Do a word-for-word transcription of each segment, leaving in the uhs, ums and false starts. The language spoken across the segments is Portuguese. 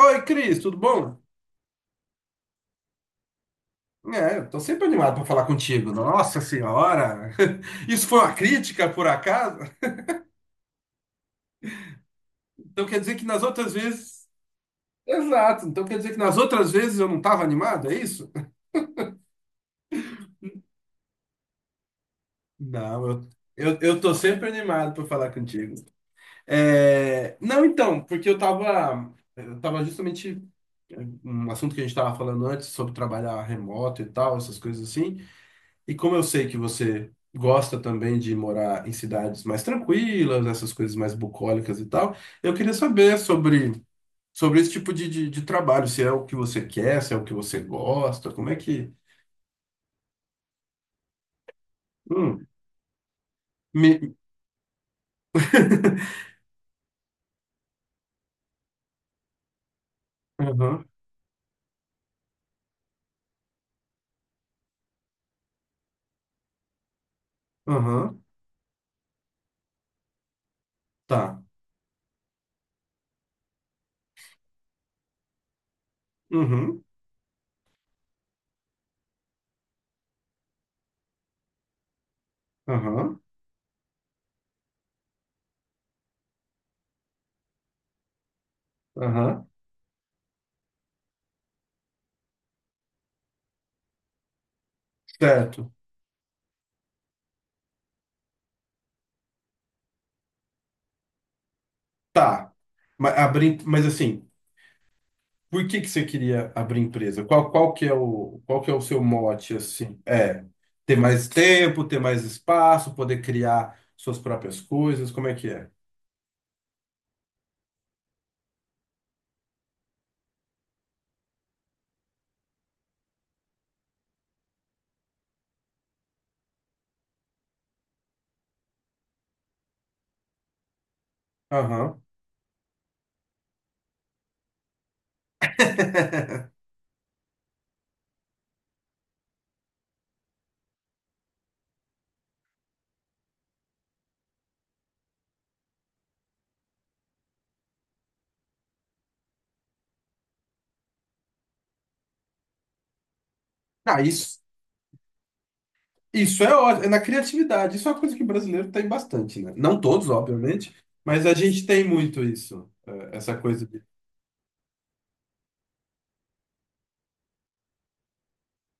Oi, Cris, tudo bom? É, eu tô sempre animado para falar contigo. Nossa Senhora! Isso foi uma crítica, por acaso? Então quer dizer que nas outras vezes. Exato, então quer dizer que nas outras vezes eu não estava animado, é isso? Não, eu, eu, eu tô sempre animado para falar contigo. É, Não, então, porque eu tava. Eu tava justamente. é, Um assunto que a gente estava falando antes sobre trabalhar remoto e tal, essas coisas assim. E como eu sei que você gosta também de morar em cidades mais tranquilas, essas coisas mais bucólicas e tal, eu queria saber sobre, sobre esse tipo de, de, de trabalho, se é o que você quer, se é o que você gosta, como é que. Hum, me... Aham, aham, tá. Uhum, aham, aham, certo. Tá. Mas, abri... Mas assim. Por que que você queria abrir empresa? Qual, qual que é o, qual que é o seu mote, assim? É ter mais tempo, ter mais espaço, poder criar suas próprias coisas, como é que é? Aham. Ah, isso, isso é ótimo, é na criatividade. Isso é uma coisa que o brasileiro tem bastante, né? Não todos, obviamente, mas a gente tem muito isso, é, essa coisa de...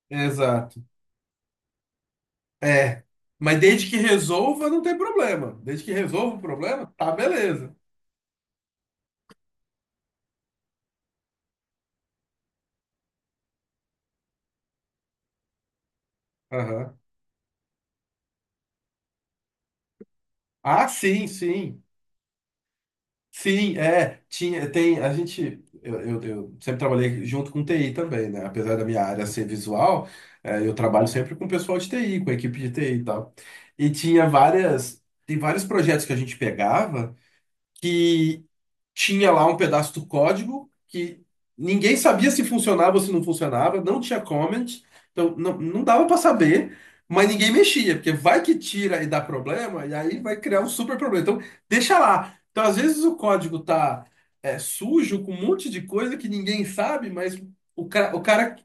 Exato. É, mas desde que resolva, não tem problema. Desde que resolva o problema, tá beleza. Aham. Ah, sim, sim. Sim, é, tinha, tem, a gente, eu, eu, eu sempre trabalhei junto com T I também, né? Apesar da minha área ser visual, é, eu trabalho sempre com o pessoal de T I, com a equipe de T I e tal. E tinha várias, tem vários projetos que a gente pegava tinha lá um pedaço do código que ninguém sabia se funcionava ou se não funcionava, não tinha comment, então não, não dava para saber, mas ninguém mexia, porque vai que tira e dá problema, e aí vai criar um super problema. Então, deixa lá. Então, às vezes o código tá é, sujo com um monte de coisa que ninguém sabe, mas o, ca- o cara.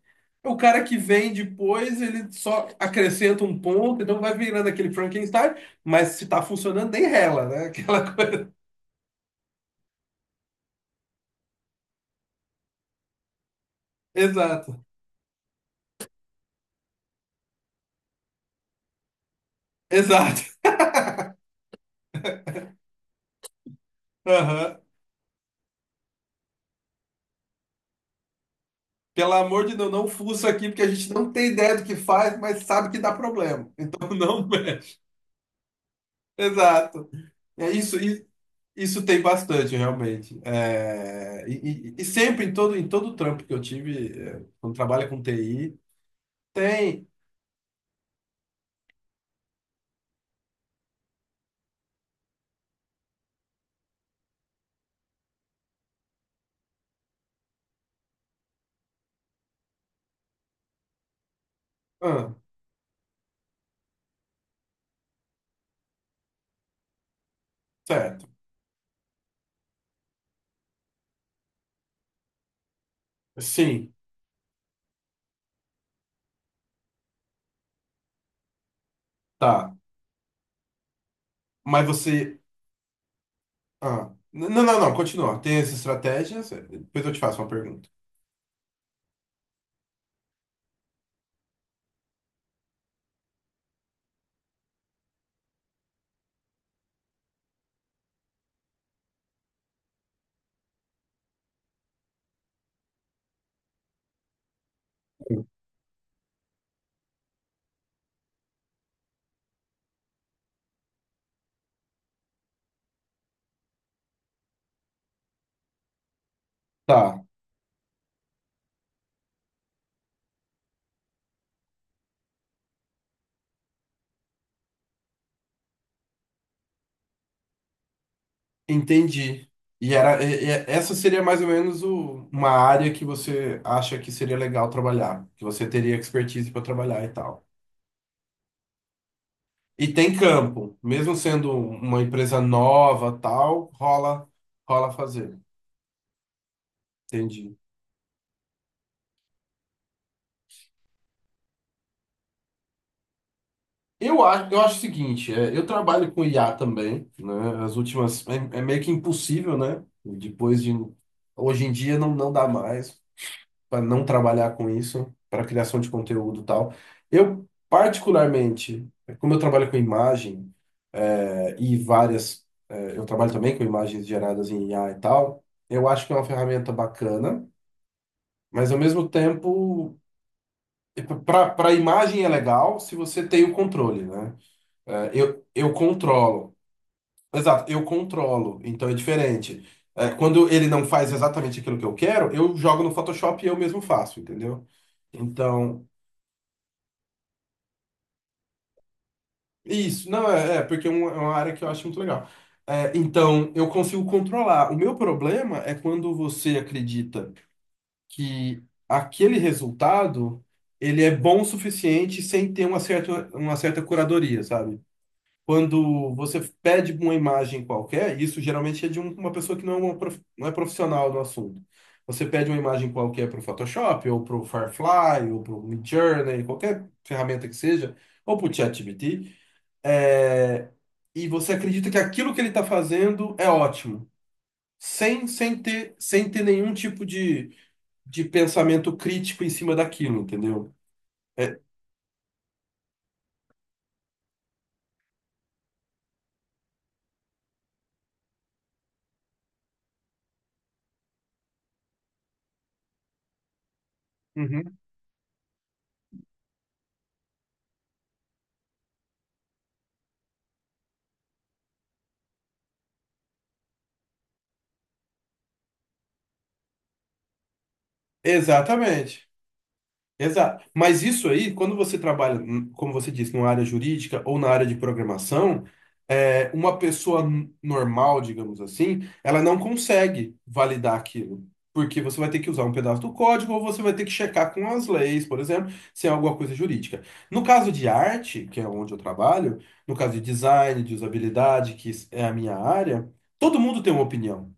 O cara que vem depois, ele só acrescenta um ponto, então vai virando aquele Frankenstein, mas se tá funcionando, nem rela, né? Aquela coisa. Exato, exato. Aham. Pelo amor de Deus, não fuça aqui, porque a gente não tem ideia do que faz, mas sabe que dá problema. Então não mexe. Exato. É isso, i- isso tem bastante, realmente. É, e, e- e sempre, em todo, em todo trampo que eu tive, é, quando trabalha com T I, tem. Ah, certo. Sim, tá. Mas você. Ah, n- não, não, não, continua. Tem essas estratégias? Depois eu te faço uma pergunta. Tá. Entendi. E era, e- e- essa seria mais ou menos o- uma área que você acha que seria legal trabalhar, que você teria expertise para trabalhar e tal. E tem campo, mesmo sendo uma empresa nova, tal, rola, rola, fazer. Entendi. Eu acho, eu acho o seguinte, é, eu trabalho com I A também, né? As últimas é, é meio que impossível, né? Depois de hoje em dia não, não dá mais. Para não trabalhar com isso, para criação de conteúdo e tal. Eu, particularmente, como eu trabalho com imagem eh, e várias, eh, eu trabalho também com imagens geradas em I A e tal, eu acho que é uma ferramenta bacana, mas ao mesmo tempo, para para imagem é legal se você tem o controle, né? Eh, eu, eu controlo. Exato, eu controlo, então é diferente. Eh, quando ele não faz exatamente aquilo que eu quero, eu jogo no Photoshop e eu mesmo faço, entendeu? Então, isso, não, é, é, porque é um- é uma área que eu acho muito legal. É, então, eu consigo controlar. O meu problema é quando você acredita que aquele resultado ele é bom o suficiente sem ter uma certa, uma certa curadoria, sabe? Quando você pede uma imagem qualquer, isso geralmente é de um- uma pessoa que não é, uma prof- não é profissional do assunto. Você pede uma imagem qualquer para o Photoshop, ou para o Firefly, ou para o Midjourney, qualquer ferramenta que seja, ou para o ChatGPT. É, e você acredita que aquilo que ele está fazendo é ótimo, sem, sem ter, sem ter nenhum tipo de, de pensamento crítico em cima daquilo, entendeu? Uhum. Exatamente. Exato. Mas isso aí, quando você trabalha, hum, como você disse, numa área jurídica ou na área de programação, é, uma pessoa n- normal, digamos assim, ela não consegue validar aquilo. Porque você vai ter que usar um pedaço do código ou você vai ter que checar com as leis, por exemplo, se é alguma coisa jurídica. No caso de arte, que é onde eu trabalho, no caso de design, de usabilidade, que é a minha área, todo mundo tem uma opinião.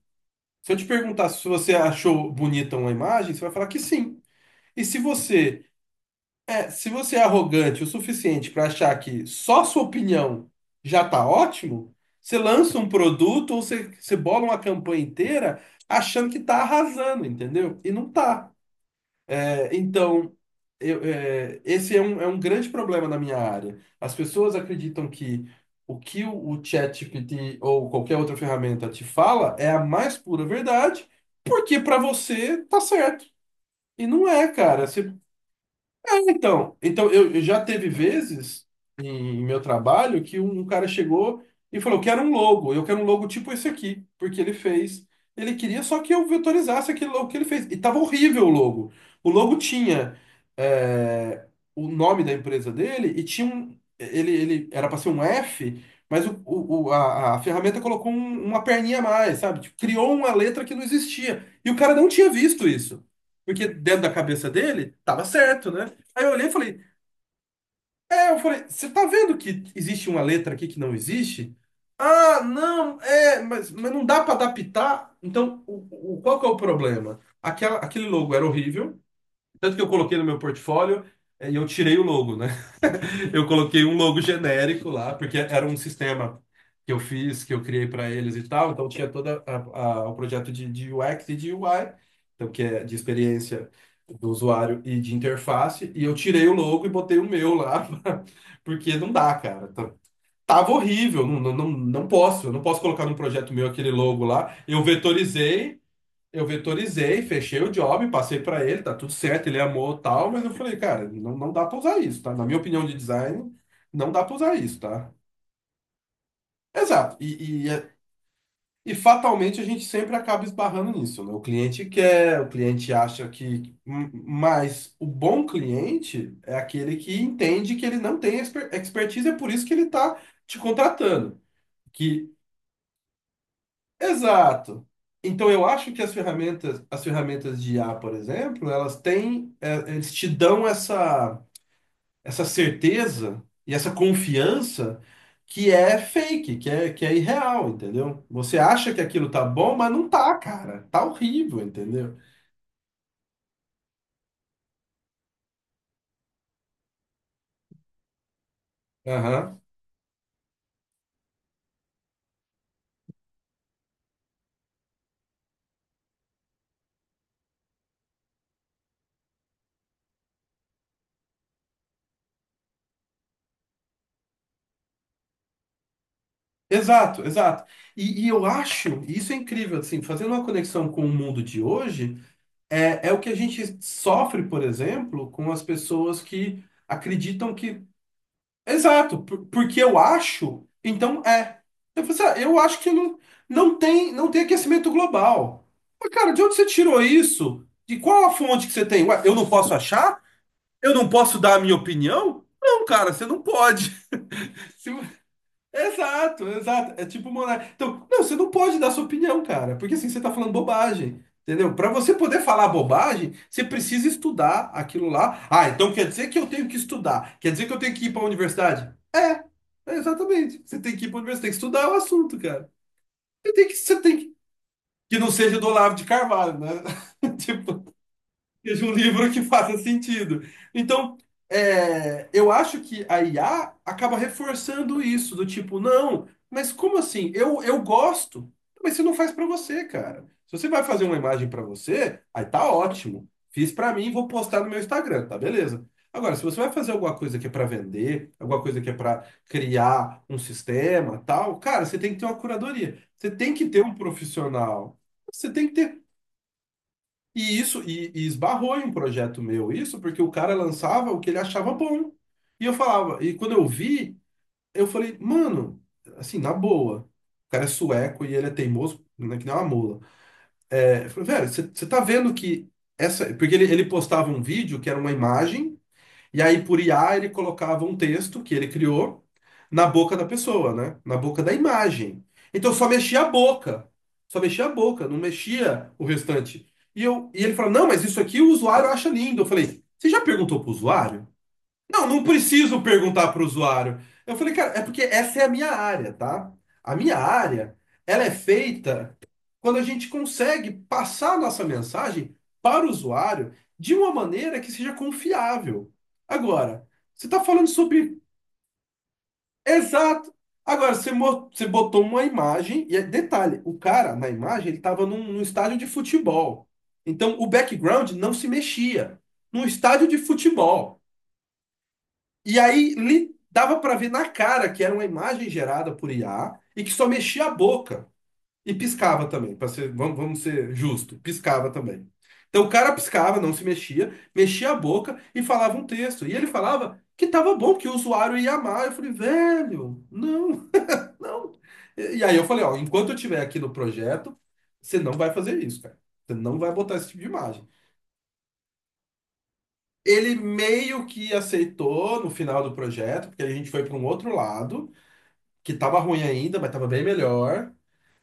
Se eu te perguntar se você achou bonita uma imagem, você vai falar que sim. E se você é, se você é arrogante o suficiente para achar que só sua opinião já está ótimo, você lança um produto ou você, você bola uma campanha inteira achando que está arrasando, entendeu? E não tá. É, então, eu- é, esse é um, é um grande problema na minha área. As pessoas acreditam que o que o, o ChatGPT ou qualquer outra ferramenta te fala é a mais pura verdade, porque para você tá certo. E não é, cara. É, então, então eu, eu já teve vezes em meu trabalho que um, um cara chegou e falou: "Eu quero um logo, eu quero um logo tipo esse aqui, porque ele fez. Ele queria só que eu vetorizasse aquele logo que ele fez. E tava horrível o logo. O logo tinha é, o nome da empresa dele e tinha um. Ele, ele era para ser um F, mas o, o- o- a, a ferramenta colocou um- uma perninha a mais, sabe? Tipo, criou uma letra que não existia. E o cara não tinha visto isso. Porque dentro da cabeça dele, tava certo, né? Aí eu olhei e falei, é, eu falei, você tá vendo que existe uma letra aqui que não existe? Ah, não, é, mas, mas não dá pra adaptar. Então, o, o- qual que é o problema? Aquela, aquele logo era horrível, tanto que eu coloquei no meu portfólio é, e eu tirei o logo, né? Eu coloquei um logo genérico lá, porque era um sistema que eu fiz, que eu criei para eles e tal. Então tinha todo o projeto de, de, U X e de U I, então que é de experiência do usuário e de interface. E eu tirei o logo e botei o meu lá, porque não dá, cara. Tá- Tava horrível, não, não, não não posso, eu não posso colocar num projeto meu aquele logo lá. Eu vetorizei eu vetorizei, fechei o job, passei pra ele, tá tudo certo, ele amou tal, mas eu falei, cara, não, não dá pra usar isso, tá? Na minha opinião de design, não dá pra usar isso, tá? Exato. E, e, é- e fatalmente a gente sempre acaba esbarrando nisso, né? O cliente quer, o cliente acha que. m- Mas o bom cliente é aquele que entende que ele não tem exper- expertise, é por isso que ele tá te contratando. Que exato. Então eu acho que as ferramentas, as ferramentas, de I A por exemplo, elas têm, é, eles te dão essa, essa certeza e essa confiança que é fake, que é, que é irreal, entendeu? Você acha que aquilo tá bom, mas não tá, cara. Tá horrível, entendeu? Aham. Exato, exato. E, e eu acho, e isso é incrível, assim, fazendo uma conexão com o mundo de hoje, é, é o que a gente sofre, por exemplo, com as pessoas que acreditam que exato, por- porque eu acho, então é. Eu falei assim, ah, eu acho que não, não tem, não tem aquecimento global. Mas, cara, de onde você tirou isso? De qual a fonte que você tem? Ué, eu não posso achar? Eu não posso dar a minha opinião? Não, cara, você não pode. Se- Exato, exato. É tipo monar. Então, não, você não pode dar sua opinião, cara, porque assim você tá falando bobagem, entendeu? Para você poder falar bobagem, você precisa estudar aquilo lá. Ah, então quer dizer que eu tenho que estudar? Quer dizer que eu tenho que ir para a universidade? É, é exatamente. Você tem que ir para a universidade, tem que estudar o assunto, cara. Você tem que, você tem que, que não seja do Olavo de Carvalho, né? Tipo, seja um livro que faça sentido. Então, é, eu acho que a I A acaba reforçando isso, do tipo, não, mas como assim? Eu, eu gosto, mas você não faz pra você, cara. Se você vai fazer uma imagem pra você, aí tá ótimo. Fiz pra mim, vou postar no meu Instagram, tá beleza. Agora, se você vai fazer alguma coisa que é pra vender, alguma coisa que é pra criar um sistema, tal, cara, você tem que ter uma curadoria. Você tem que ter um profissional. Você tem que ter e isso, e, e esbarrou em um projeto meu, isso porque o cara lançava o que ele achava bom. E eu falava, e quando eu vi, eu falei, mano, assim, na boa, o cara é sueco e ele é teimoso, né, que nem uma mula. É, eu falei, velho, você tá vendo que essa. Porque ele, ele postava um vídeo que era uma imagem. E aí, por I A, ele colocava um texto que ele criou na boca da pessoa, né? Na boca da imagem. Então, só mexia a boca. Só mexia a boca, não mexia o restante. E, eu, e ele falou: não, mas isso aqui o usuário acha lindo. Eu falei: você já perguntou pro usuário? Não, não preciso perguntar para o usuário. Eu falei, cara, é porque essa é a minha área, tá? A minha área, ela é feita quando a gente consegue passar a nossa mensagem para o usuário de uma maneira que seja confiável. Agora, você está falando sobre... Exato. Agora, você, mo- você botou uma imagem, e é- detalhe, o cara na imagem, ele estava num, num estádio de futebol. Então, o background não se mexia. Num estádio de futebol. E aí li- dava para ver na cara que era uma imagem gerada por I A e que só mexia a boca e piscava também, para ser, vamos, vamos ser justo, piscava também. Então o cara piscava, não se mexia, mexia a boca e falava um texto. E ele falava que tava bom, que o usuário ia amar. Eu falei, velho, não, não. E e aí eu falei, ó, enquanto eu estiver aqui no projeto, você não vai fazer isso, cara. Você não vai botar esse tipo de imagem. Ele meio que aceitou no final do projeto, porque a gente foi para um outro lado. Que estava ruim ainda, mas estava bem melhor.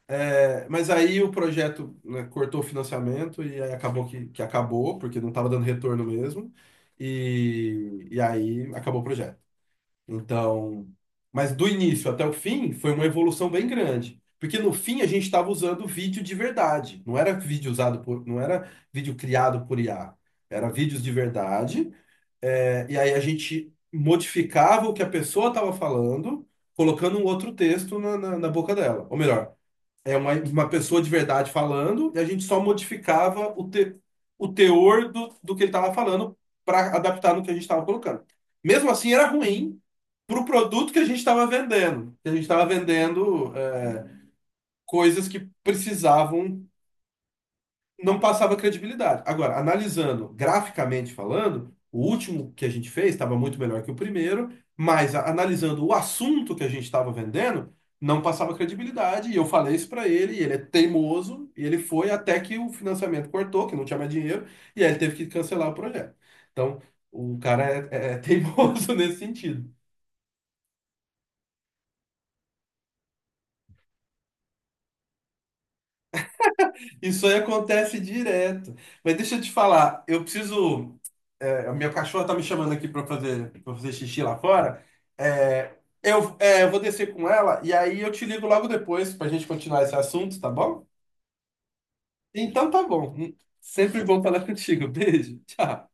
É, mas aí o projeto, né, cortou o financiamento e aí acabou que, que acabou, porque não estava dando retorno mesmo. E, e aí acabou o projeto. Então, mas do início até o fim foi uma evolução bem grande. Porque no fim a gente estava usando vídeo de verdade. Não era vídeo usado por, não era vídeo criado por I A. Era vídeos de verdade, é, e aí a gente modificava o que a pessoa estava falando, colocando um outro texto na, na, na boca dela. Ou melhor, é uma, uma pessoa de verdade falando, e a gente só modificava o, te, o teor do, do que ele estava falando para adaptar no que a gente estava colocando. Mesmo assim, era ruim para o produto que a gente estava vendendo. Que a gente estava vendendo, é, coisas que precisavam não passava credibilidade. Agora, analisando graficamente falando, o último que a gente fez estava muito melhor que o primeiro, mas a- analisando o assunto que a gente estava vendendo, não passava credibilidade. E eu falei isso para ele, e ele é teimoso, e ele foi até que o financiamento cortou, que não tinha mais dinheiro, e aí ele teve que cancelar o projeto. Então, o cara é, é é teimoso nesse sentido. Isso aí acontece direto. Mas deixa eu te falar, eu preciso. É, a minha cachorra tá me chamando aqui para fazer, para fazer xixi lá fora. É, eu, é, eu vou descer com ela e aí eu te ligo logo depois pra gente continuar esse assunto, tá bom? Então tá bom. Sempre bom falar contigo. Beijo. Tchau.